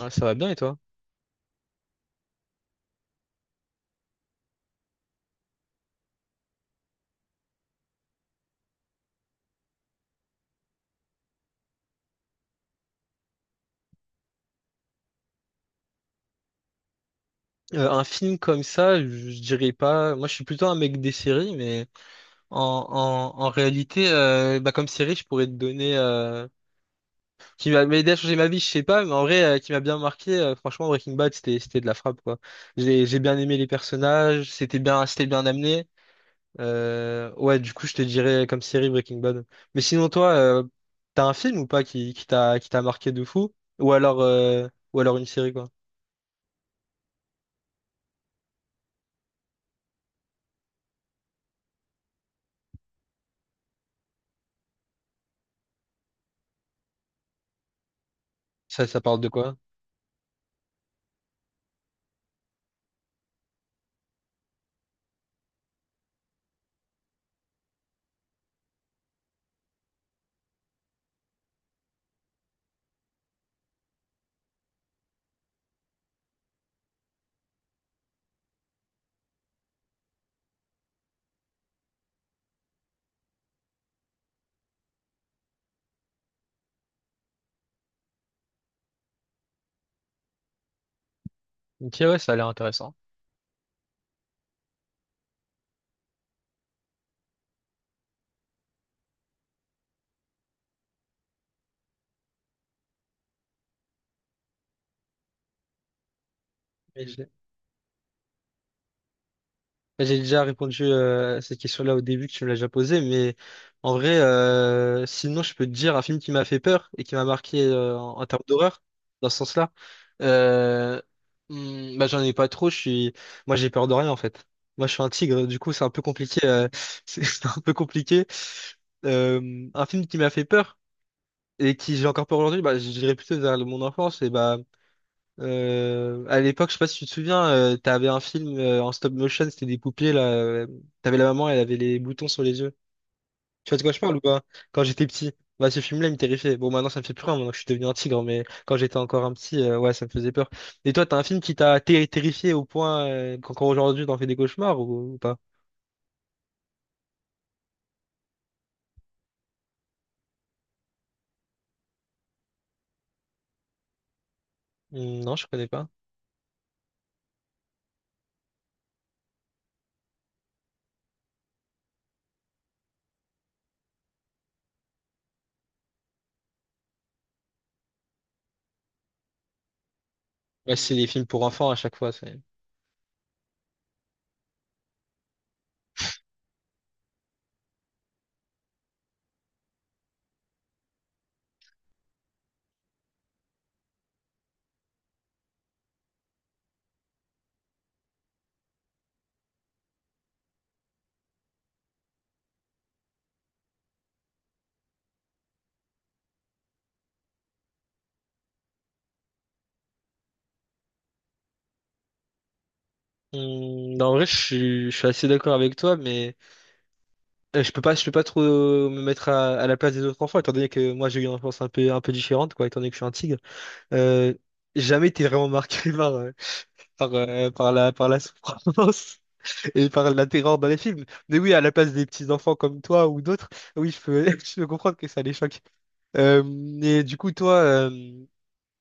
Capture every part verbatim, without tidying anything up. Ouais, ça va bien et toi? Euh, un film comme ça, je je dirais pas. Moi, je suis plutôt un mec des séries, mais en, en, en réalité, euh, bah, comme série, je pourrais te donner euh, qui m'a aidé à changer ma vie, je sais pas, mais en vrai, euh, qui m'a bien marqué. Euh, franchement, Breaking Bad, c'était c'était de la frappe quoi. J'ai j'ai bien aimé les personnages, c'était bien c'était bien amené. Euh, ouais, du coup, je te dirais comme série Breaking Bad. Mais sinon, toi, euh, t'as un film ou pas qui qui t'a qui t'a marqué de fou? Ou alors euh, ou alors une série quoi? Ça ça parle de quoi? Ok, ouais, ça a l'air intéressant. Mais je- mais j'ai déjà répondu euh, à cette question-là au début que tu me l'as déjà posée, mais en vrai, euh, sinon je peux te dire un film qui m'a fait peur et qui m'a marqué euh, en, en termes d'horreur, dans ce sens-là. Euh, hmm, bah, J'en ai pas trop, je suis, moi j'ai peur de rien en fait. Moi je suis un tigre, du coup c'est un peu compliqué. euh, c'est c'est un peu compliqué. Euh, un film qui m'a fait peur et qui j'ai encore peur aujourd'hui, bah, je dirais plutôt vers mon enfance et bah. Euh, à l'époque, je sais pas si tu te souviens, euh, t'avais un film euh, en stop motion, c'était des poupées là. Euh, t'avais la maman, elle avait les boutons sur les yeux. Tu vois de quoi je parle ou pas? Quand j'étais petit, bah ce film-là, il me terrifiait. Bon, maintenant ça me fait plus rien, maintenant que je suis devenu un tigre, mais quand j'étais encore un petit, euh, ouais, ça me faisait peur. Et toi, t'as un film qui t'a ter- terrifié au point euh, qu'encore aujourd'hui t'en fais des cauchemars ou, ou pas? Hmm, non, je connais pas. Ouais, c'est les films pour enfants à chaque fois. c'est- Hmm, non, en vrai, je suis, je suis assez d'accord avec toi, mais. Euh, Je peux pas, je peux pas trop euh, me mettre à, à la place des autres enfants, étant donné que moi j'ai eu une enfance un peu, un peu différente, quoi, étant donné que je suis un tigre. Euh, Jamais été vraiment marqué par, euh, par, euh, par la, par la souffrance et par la terreur dans les films. Mais oui, à la place des petits enfants comme toi ou d'autres, oui, je peux, je peux comprendre que ça les choque. Euh, et du coup, toi, euh,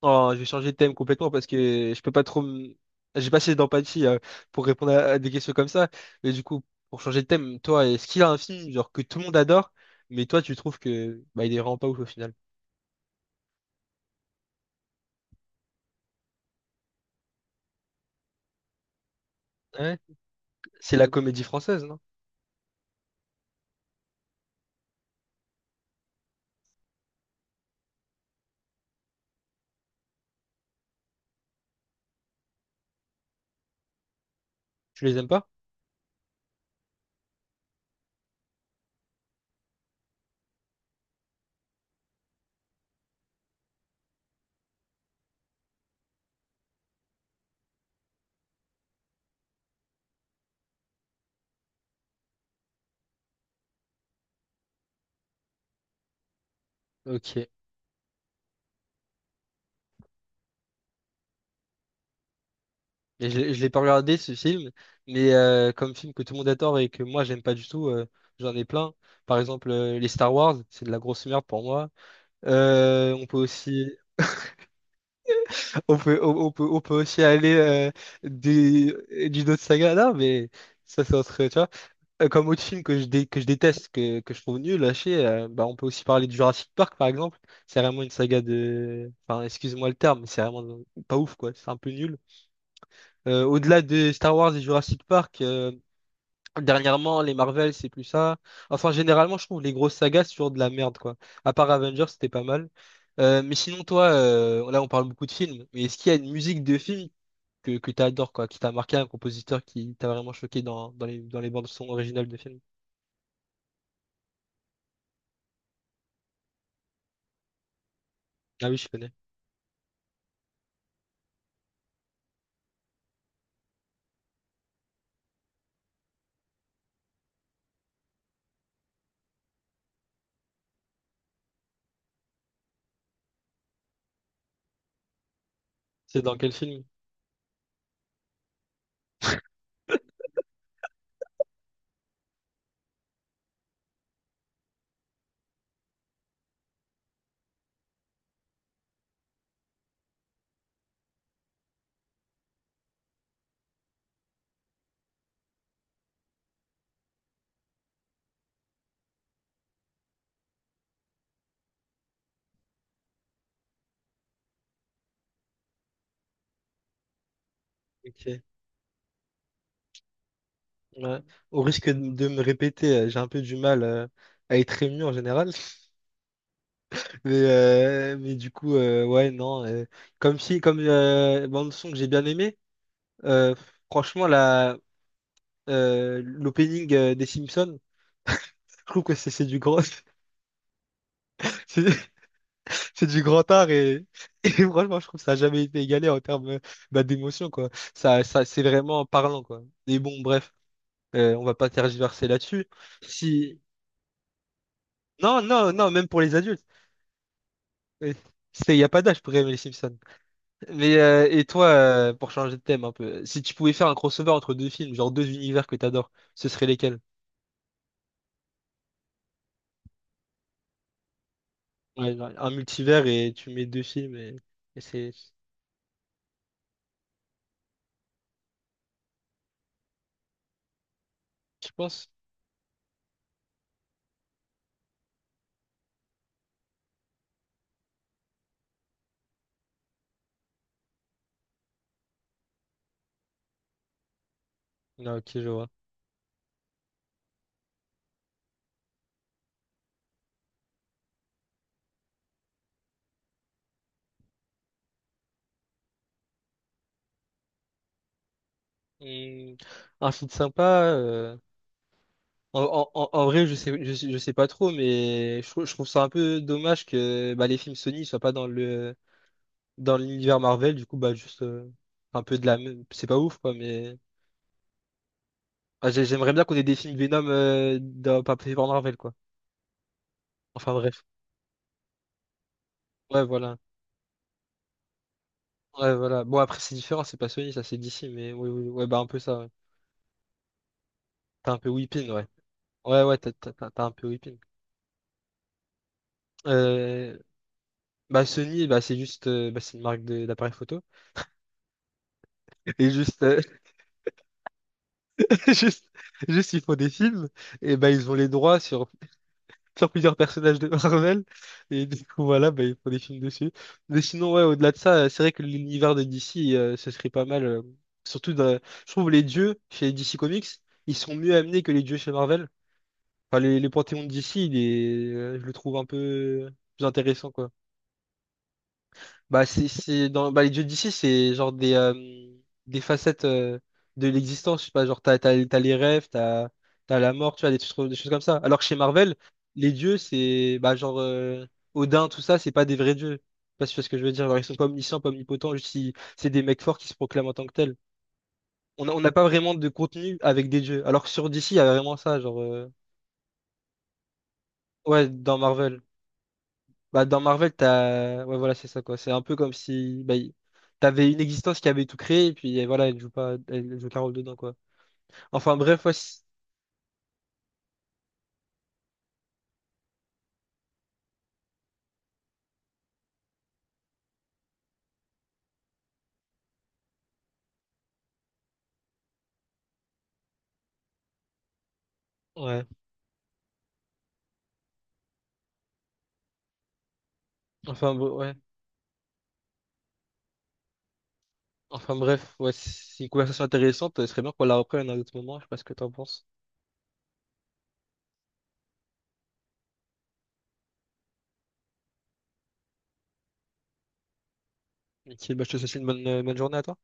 Oh, je vais changer de thème complètement parce que je peux pas trop. Me- j'ai pas assez d'empathie euh, pour répondre à, à des questions comme ça. Mais du coup, pour changer de thème, toi, est-ce qu'il y a un film genre que tout le monde adore, mais toi, tu trouves que bah il est vraiment pas ouf au final? Hein. C'est la comédie française, non? Tu les aimes pas? Ok. Et je, l'ai je l'ai pas regardé ce film, mais euh, comme film que tout le monde adore et que moi j'aime pas du tout, euh, j'en ai plein. Par exemple, euh, les Star Wars, c'est de la grosse merde pour moi. Euh, on peut aussi On peut, on, on peut, on peut aussi aller euh, du- d'une autre saga. Non, mais ça, c'est entre. Tu vois. Euh, comme autre film que je, dé- que je déteste, que, que je trouve nul, lâché, euh, bah, on peut aussi parler du Jurassic Park, par exemple. C'est vraiment une saga de. Enfin, excuse-moi le terme, mais c'est vraiment pas ouf, quoi. C'est un peu nul. Euh, au-delà de Star Wars et Jurassic Park, euh, dernièrement, les Marvel, c'est plus ça. Enfin, généralement, je trouve les grosses sagas, c'est toujours de la merde, quoi. À part Avengers, c'était pas mal. Euh, mais sinon, toi, euh, là, on parle beaucoup de films, mais est-ce qu'il y a une musique de film que, que tu adores, quoi, qui t'a marqué, un compositeur qui t'a vraiment choqué dans, dans les, dans les bandes son originales de films? Ah oui, je connais. C'est dans quel film? Ok. Ouais. Au risque de de me répéter, euh, j'ai un peu du mal euh, à être ému en général. Mais, euh, mais du coup, euh, ouais, non. euh, comme si, Comme euh, bande son que j'ai bien aimé, euh, franchement, la, euh, l'opening euh, des Simpsons, je trouve que c'est c'est du gros. C'est du grand art et, et franchement, je trouve que ça n'a jamais été égalé en termes euh, bah, d'émotion, quoi. Ça, ça, c'est vraiment parlant, quoi. Et bon, bref, euh, on va pas tergiverser là-dessus. Si... Non, non, non, même pour les adultes. Euh, c'est- Il n'y a pas d'âge pour aimer les Simpsons. Mais, euh, et toi, euh, pour changer de thème un peu, si tu pouvais faire un crossover entre deux films, genre deux univers que t'adores, ce serait lesquels? Ouais, genre un multivers et tu mets deux films et, et c'est... Tu penses? Non, ok, je vois. Hmm, un film sympa... euh, En, en- en- en vrai, je sais, je, sais je sais pas trop, mais je, trou- je trouve ça un peu dommage que bah, les films Sony soient pas dans le dans l'univers Marvel. Du coup, bah juste euh, un peu de la même. C'est pas ouf, quoi, mais Ah, j'ai- j'aimerais bien qu'on ait des films Venom euh, dans- pas pris par Marvel, quoi. Enfin bref. Ouais, voilà. Ouais, voilà. Bon, après, c'est différent, c'est pas Sony, ça c'est D C, mais oui, oui, ouais, bah un peu ça. Ouais. T'as un peu whipping, ouais. Ouais, ouais, t'as t'as- t'as- t'as un peu whipping. Euh, Bah Sony, bah c'est juste, euh, bah, c'est une marque de- d'appareil photo. Et juste, euh, Juste, juste, ils font des films, et ben ils ont les droits sur, sur plusieurs personnages de Marvel, et du coup, voilà, ben, ils font des films dessus. Mais sinon, ouais, au-delà de ça, euh, c'est vrai que l'univers de D C, euh, ce serait pas mal. euh, surtout, dans- je trouve les dieux chez D C Comics, ils sont mieux amenés que les dieux chez Marvel. Enfin, les, les panthéons de D C, il est- euh, je le trouve un peu plus intéressant, quoi. Bah, c'est, c'est dans, bah, les dieux d'ici, c'est genre des, euh, des facettes euh, de l'existence. Je sais pas, genre, t'as, t'as, t'as les rêves, t'as, t'as la mort, tu vois, des, trucs- des choses comme ça. Alors que chez Marvel, les dieux, c'est, bah, genre, euh, Odin, tout ça, c'est pas des vrais dieux. Je sais pas si tu vois ce que je veux dire. Genre, ils sont pas omniscients, pas omnipotents, juste ils- c'est des mecs forts qui se proclament en tant que tels. On a- on n'a pas vraiment de contenu avec des dieux. Alors que sur D C, il y a vraiment ça, genre, euh, ouais, dans Marvel. Bah, dans Marvel, t'as... Ouais, voilà, c'est ça, quoi. C'est un peu comme si bah, y- t'avais une existence qui avait tout créé, et puis euh, voilà, elle joue pas, elle joue qu'un rôle dedans, quoi. Enfin, bref, ouais. c- ouais. Enfin, br- ouais. Enfin, bref, ouais, c'est une conversation intéressante. Ce serait bien qu'on la reprenne à un autre moment. Je sais pas ce que t'en penses. Ok, bah, je te souhaite une bonne, euh, bonne journée à toi.